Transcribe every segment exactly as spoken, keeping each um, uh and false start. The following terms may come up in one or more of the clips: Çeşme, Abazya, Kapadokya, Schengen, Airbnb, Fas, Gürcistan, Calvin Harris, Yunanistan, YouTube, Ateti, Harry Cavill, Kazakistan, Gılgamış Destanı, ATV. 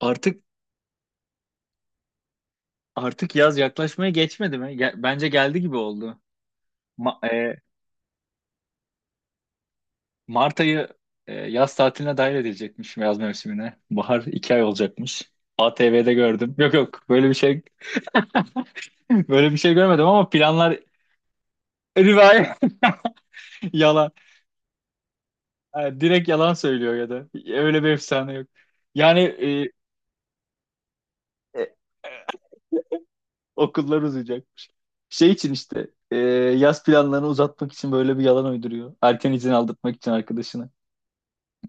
Artık artık yaz yaklaşmaya geçmedi mi? Ge- bence geldi gibi oldu. Ma- e, Mart ayı e, yaz tatiline dahil edilecekmiş yaz mevsimine. Bahar iki ay olacakmış. A T V'de gördüm. Yok yok, böyle bir şey böyle bir şey görmedim ama planlar rivayet yalan. Ha, direkt yalan söylüyor ya da öyle bir efsane yok. Yani e, e, e, okullar uzayacak. Şey için işte e, yaz planlarını uzatmak için böyle bir yalan uyduruyor. Erken izin aldırtmak için arkadaşına.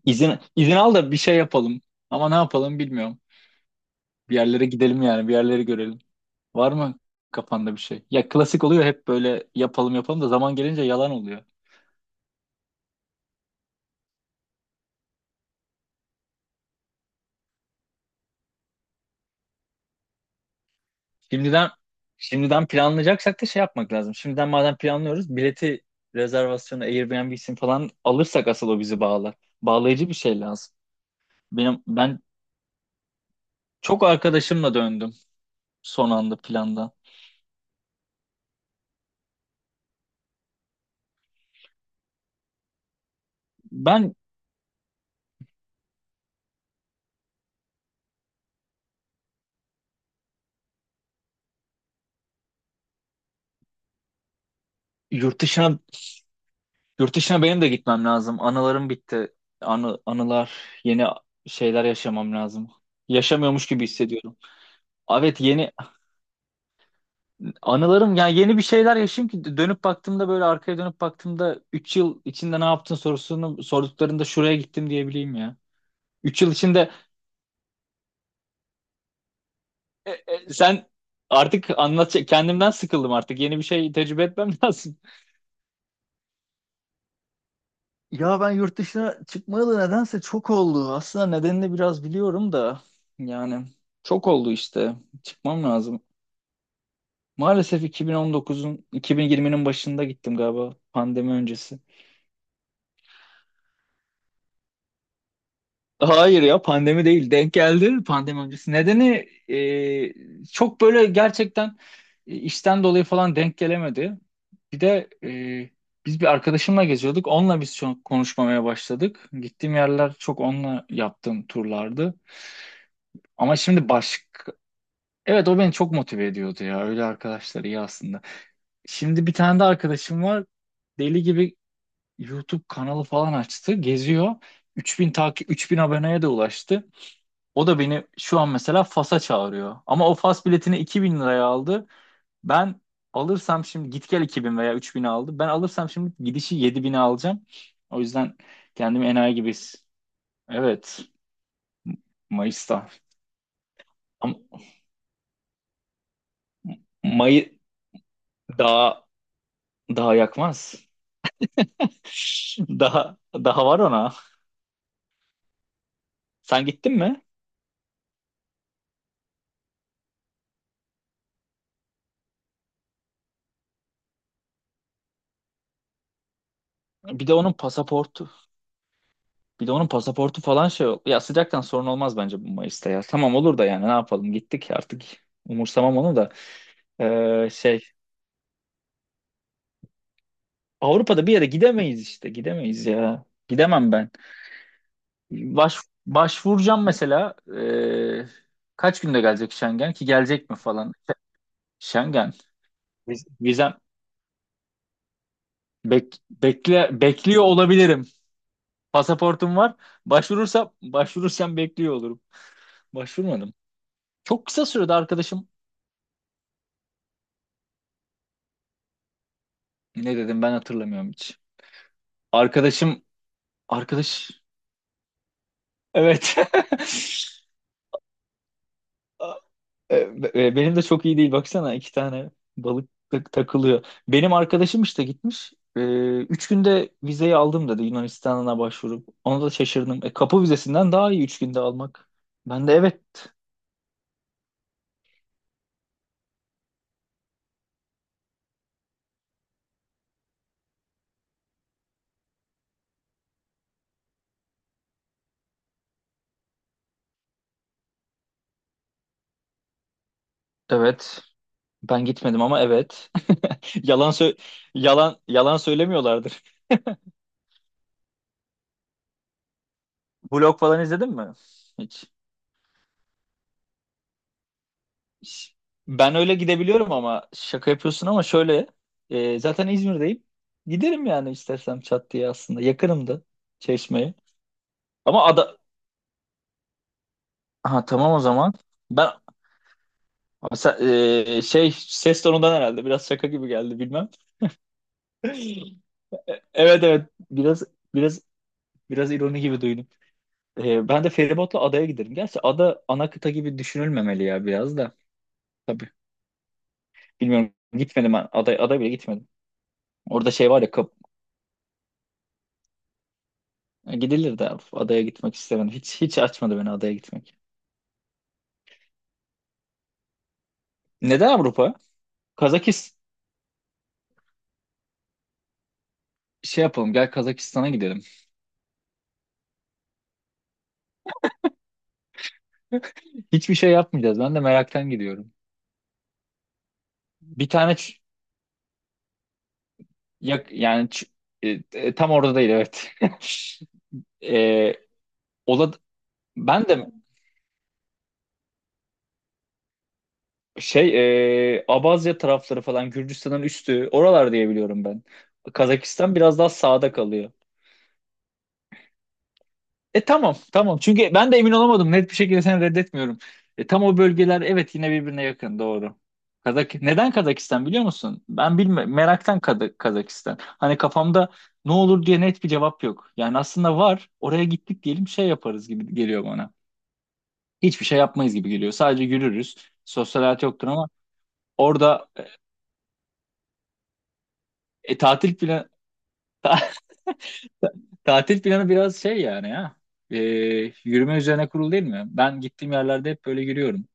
İzin, izin al da bir şey yapalım. Ama ne yapalım, bilmiyorum. Bir yerlere gidelim yani, bir yerleri görelim. Var mı kafanda bir şey? Ya klasik oluyor, hep böyle yapalım yapalım da zaman gelince yalan oluyor. Şimdiden şimdiden planlayacaksak da şey yapmak lazım. Şimdiden madem planlıyoruz, bileti, rezervasyonu, Airbnb'sini falan alırsak asıl o bizi bağlar. Bağlayıcı bir şey lazım. Benim ben çok arkadaşımla döndüm son anda plandan. Ben yurt dışına Yurt dışına benim de gitmem lazım. Anılarım bitti. Anı, anılar, Yeni şeyler yaşamam lazım. Yaşamıyormuş gibi hissediyorum. Evet, yeni anılarım, yani yeni bir şeyler yaşayayım ki dönüp baktığımda, böyle arkaya dönüp baktığımda üç yıl içinde ne yaptın sorusunu sorduklarında şuraya gittim diyebileyim ya. Üç yıl içinde e, e, sen artık anlat, kendimden sıkıldım, artık yeni bir şey tecrübe etmem lazım. Ya ben yurt dışına çıkmayalı nedense çok oldu. Aslında nedenini biraz biliyorum da, yani çok oldu işte. Çıkmam lazım. Maalesef iki bin on dokuzun iki bin yirminin başında gittim galiba, pandemi öncesi. Hayır ya, pandemi değil, denk geldi pandemi öncesi. Nedeni e, çok böyle gerçekten e, işten dolayı falan denk gelemedi. Bir de e, biz bir arkadaşımla geziyorduk. Onunla biz çok konuşmamaya başladık. Gittiğim yerler çok onunla yaptığım turlardı. Ama şimdi başka... Evet, o beni çok motive ediyordu ya. Öyle arkadaşlar iyi aslında. Şimdi bir tane de arkadaşım var. Deli gibi YouTube kanalı falan açtı. Geziyor. üç bin takip üç bin aboneye de ulaştı. O da beni şu an mesela Fas'a çağırıyor. Ama o Fas biletini iki bin liraya aldı. Ben alırsam şimdi git gel iki bin veya üç bin aldı. Ben alırsam şimdi gidişi yedi bine alacağım. O yüzden kendimi enayi gibi his- Evet. Mayıs'ta. Ama May daha daha yakmaz. Daha daha var ona. Sen gittin mi? Bir de onun pasaportu. Bir de onun pasaportu falan şey. Ya, sıcaktan sorun olmaz bence bu Mayıs'ta ya. Tamam olur da, yani ne yapalım, gittik artık. Umursamam onu da. Ee, şey Avrupa'da bir yere gidemeyiz işte. Gidemeyiz ya. Gidemem ben. Baş, başvuracağım mesela. Ee, kaç günde gelecek Schengen, ki gelecek mi falan. Schengen. Viz- Vizem bek, bekle, bekliyor olabilirim. Pasaportum var. Başvurursa başvurursam bekliyor olurum. Başvurmadım. Çok kısa sürede arkadaşım, ne dedim ben, hatırlamıyorum hiç. Arkadaşım arkadaş evet. E, e, Benim de çok iyi değil, baksana iki tane balık tak- takılıyor. Benim arkadaşım işte gitmiş. E, üç günde vizeyi aldım dedi Yunanistan'a başvurup. Ona da şaşırdım. E, kapı vizesinden daha iyi üç günde almak. Ben de evet. Evet. Ben gitmedim ama evet. Yalan sö yalan Yalan söylemiyorlardır. Blog falan izledin mi? Hiç. Hiç. Ben öyle gidebiliyorum ama şaka yapıyorsun, ama şöyle e, zaten İzmir'deyim. Giderim yani istersem çat diye aslında. Yakınım da Çeşme'ye. Ama ada ha, tamam o zaman. Ben Abi sen- e, şey, ses tonundan herhalde biraz şaka gibi geldi, bilmem. E- Evet, evet, biraz biraz biraz ironi gibi duydum. E, ben de feribotla adaya giderim. Gerçi ada ana kıta gibi düşünülmemeli ya, biraz da. Tabii. Bilmiyorum, gitmedim ben. Aday, aday bile gitmedim. Orada şey var ya, kap gidilir de adaya gitmek istemedim. Hiç hiç açmadı beni adaya gitmek. Neden Avrupa? Kazakistan, şey yapalım, gel Kazakistan'a gidelim. Hiçbir şey yapmayacağız. Ben de meraktan gidiyorum. Bir tane ç- yak yani ç- e, e, tam orada değil, evet. e, Ola ben de şey e, Abazya tarafları falan Gürcistan'ın üstü oralar diye biliyorum ben. Kazakistan biraz daha sağda kalıyor. E tamam, tamam, çünkü ben de emin olamadım, net bir şekilde seni reddetmiyorum. E, tam o bölgeler, evet, yine birbirine yakın, doğru. Kazak neden Kazakistan biliyor musun? Ben bilme meraktan Kada- Kazakistan. Hani kafamda ne olur diye net bir cevap yok. Yani aslında var, oraya gittik diyelim şey yaparız gibi geliyor bana. Hiçbir şey yapmayız gibi geliyor. Sadece yürürüz. Sosyal hayat yoktur ama orada e, tatil planı tatil planı biraz şey yani ya. E, Yürüme üzerine kurulu değil mi? Ben gittiğim yerlerde hep böyle yürüyorum.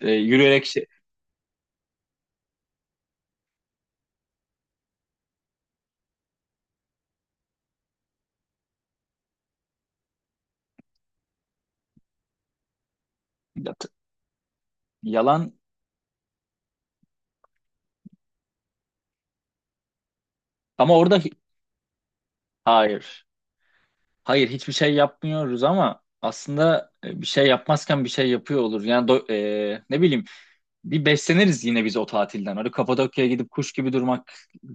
E, yürüyerek şey. Ya t- Yalan, ama orada hi- hayır. Hayır, hiçbir şey yapmıyoruz ama aslında e, bir şey yapmazken bir şey yapıyor olur. Yani do- e, ne bileyim, bir besleniriz yine biz o tatilden. Öyle Kapadokya'ya gidip kuş gibi durmak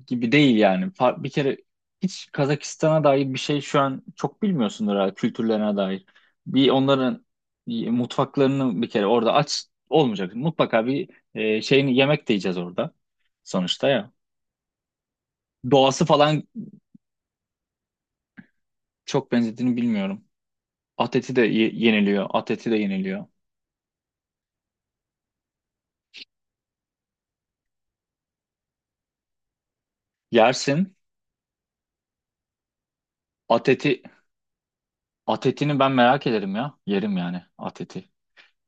gibi değil yani. Fa- Bir kere hiç Kazakistan'a dair bir şey şu an çok bilmiyorsundur herhalde, kültürlerine dair. Bir onların e, mutfaklarını bir kere orada aç olmayacak. Mutlaka bir e, şeyini yemek de yiyeceğiz orada sonuçta ya. Doğası falan. Çok benzediğini bilmiyorum. Ateti de ye- yeniliyor. Ateti de yeniliyor. Yersin. Ateti Atetini ben merak ederim ya. Yerim yani Ateti.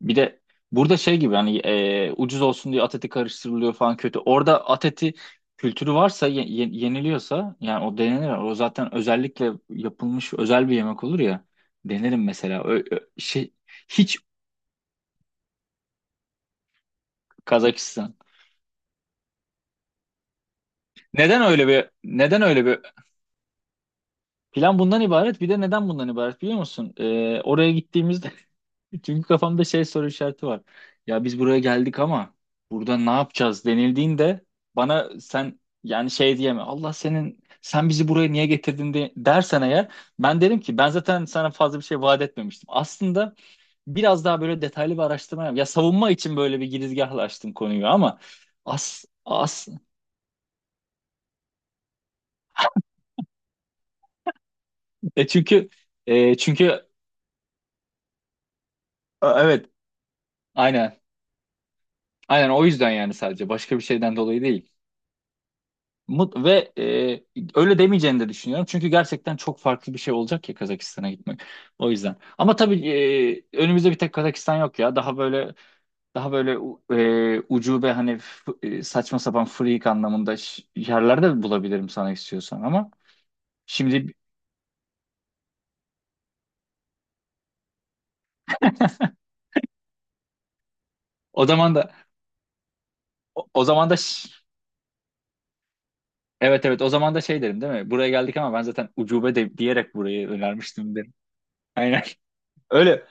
Bir de burada şey gibi, hani e, ucuz olsun diye Ateti karıştırılıyor falan, kötü. Orada Ateti kültürü varsa ye- ye- yeniliyorsa, yani o denenir. O zaten özellikle yapılmış özel bir yemek olur ya. Denerim mesela. Ö- ö- şey, hiç Kazakistan. Neden öyle bir neden öyle bir Plan bundan ibaret. Bir de neden bundan ibaret biliyor musun? Ee, oraya gittiğimizde çünkü kafamda şey soru işareti var. Ya biz buraya geldik ama burada ne yapacağız denildiğinde bana sen yani şey diyeme. Allah senin, sen bizi buraya niye getirdin de, dersen eğer ben derim ki ben zaten sana fazla bir şey vaat etmemiştim. Aslında biraz daha böyle detaylı bir araştırma yap. Ya, savunma için böyle bir girizgahla açtım konuyu ama as as e çünkü e çünkü e, evet, aynen. Aynen, o yüzden yani sadece başka bir şeyden dolayı değil. Mut ve e, öyle demeyeceğini de düşünüyorum. Çünkü gerçekten çok farklı bir şey olacak ya Kazakistan'a gitmek. O yüzden. Ama tabii e, önümüzde bir tek Kazakistan yok ya. Daha böyle daha böyle u- e, ucube, hani f- e, saçma sapan, freak anlamında, ş- yerler de bulabilirim sana, istiyorsan ama şimdi, o zaman da, o, o zaman da ş- evet, evet, o zaman da şey derim değil mi? Buraya geldik ama ben zaten ucube de, diyerek burayı önermiştim derim. Aynen. Öyle.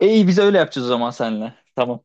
E iyi biz öyle yapacağız o zaman seninle. Tamam.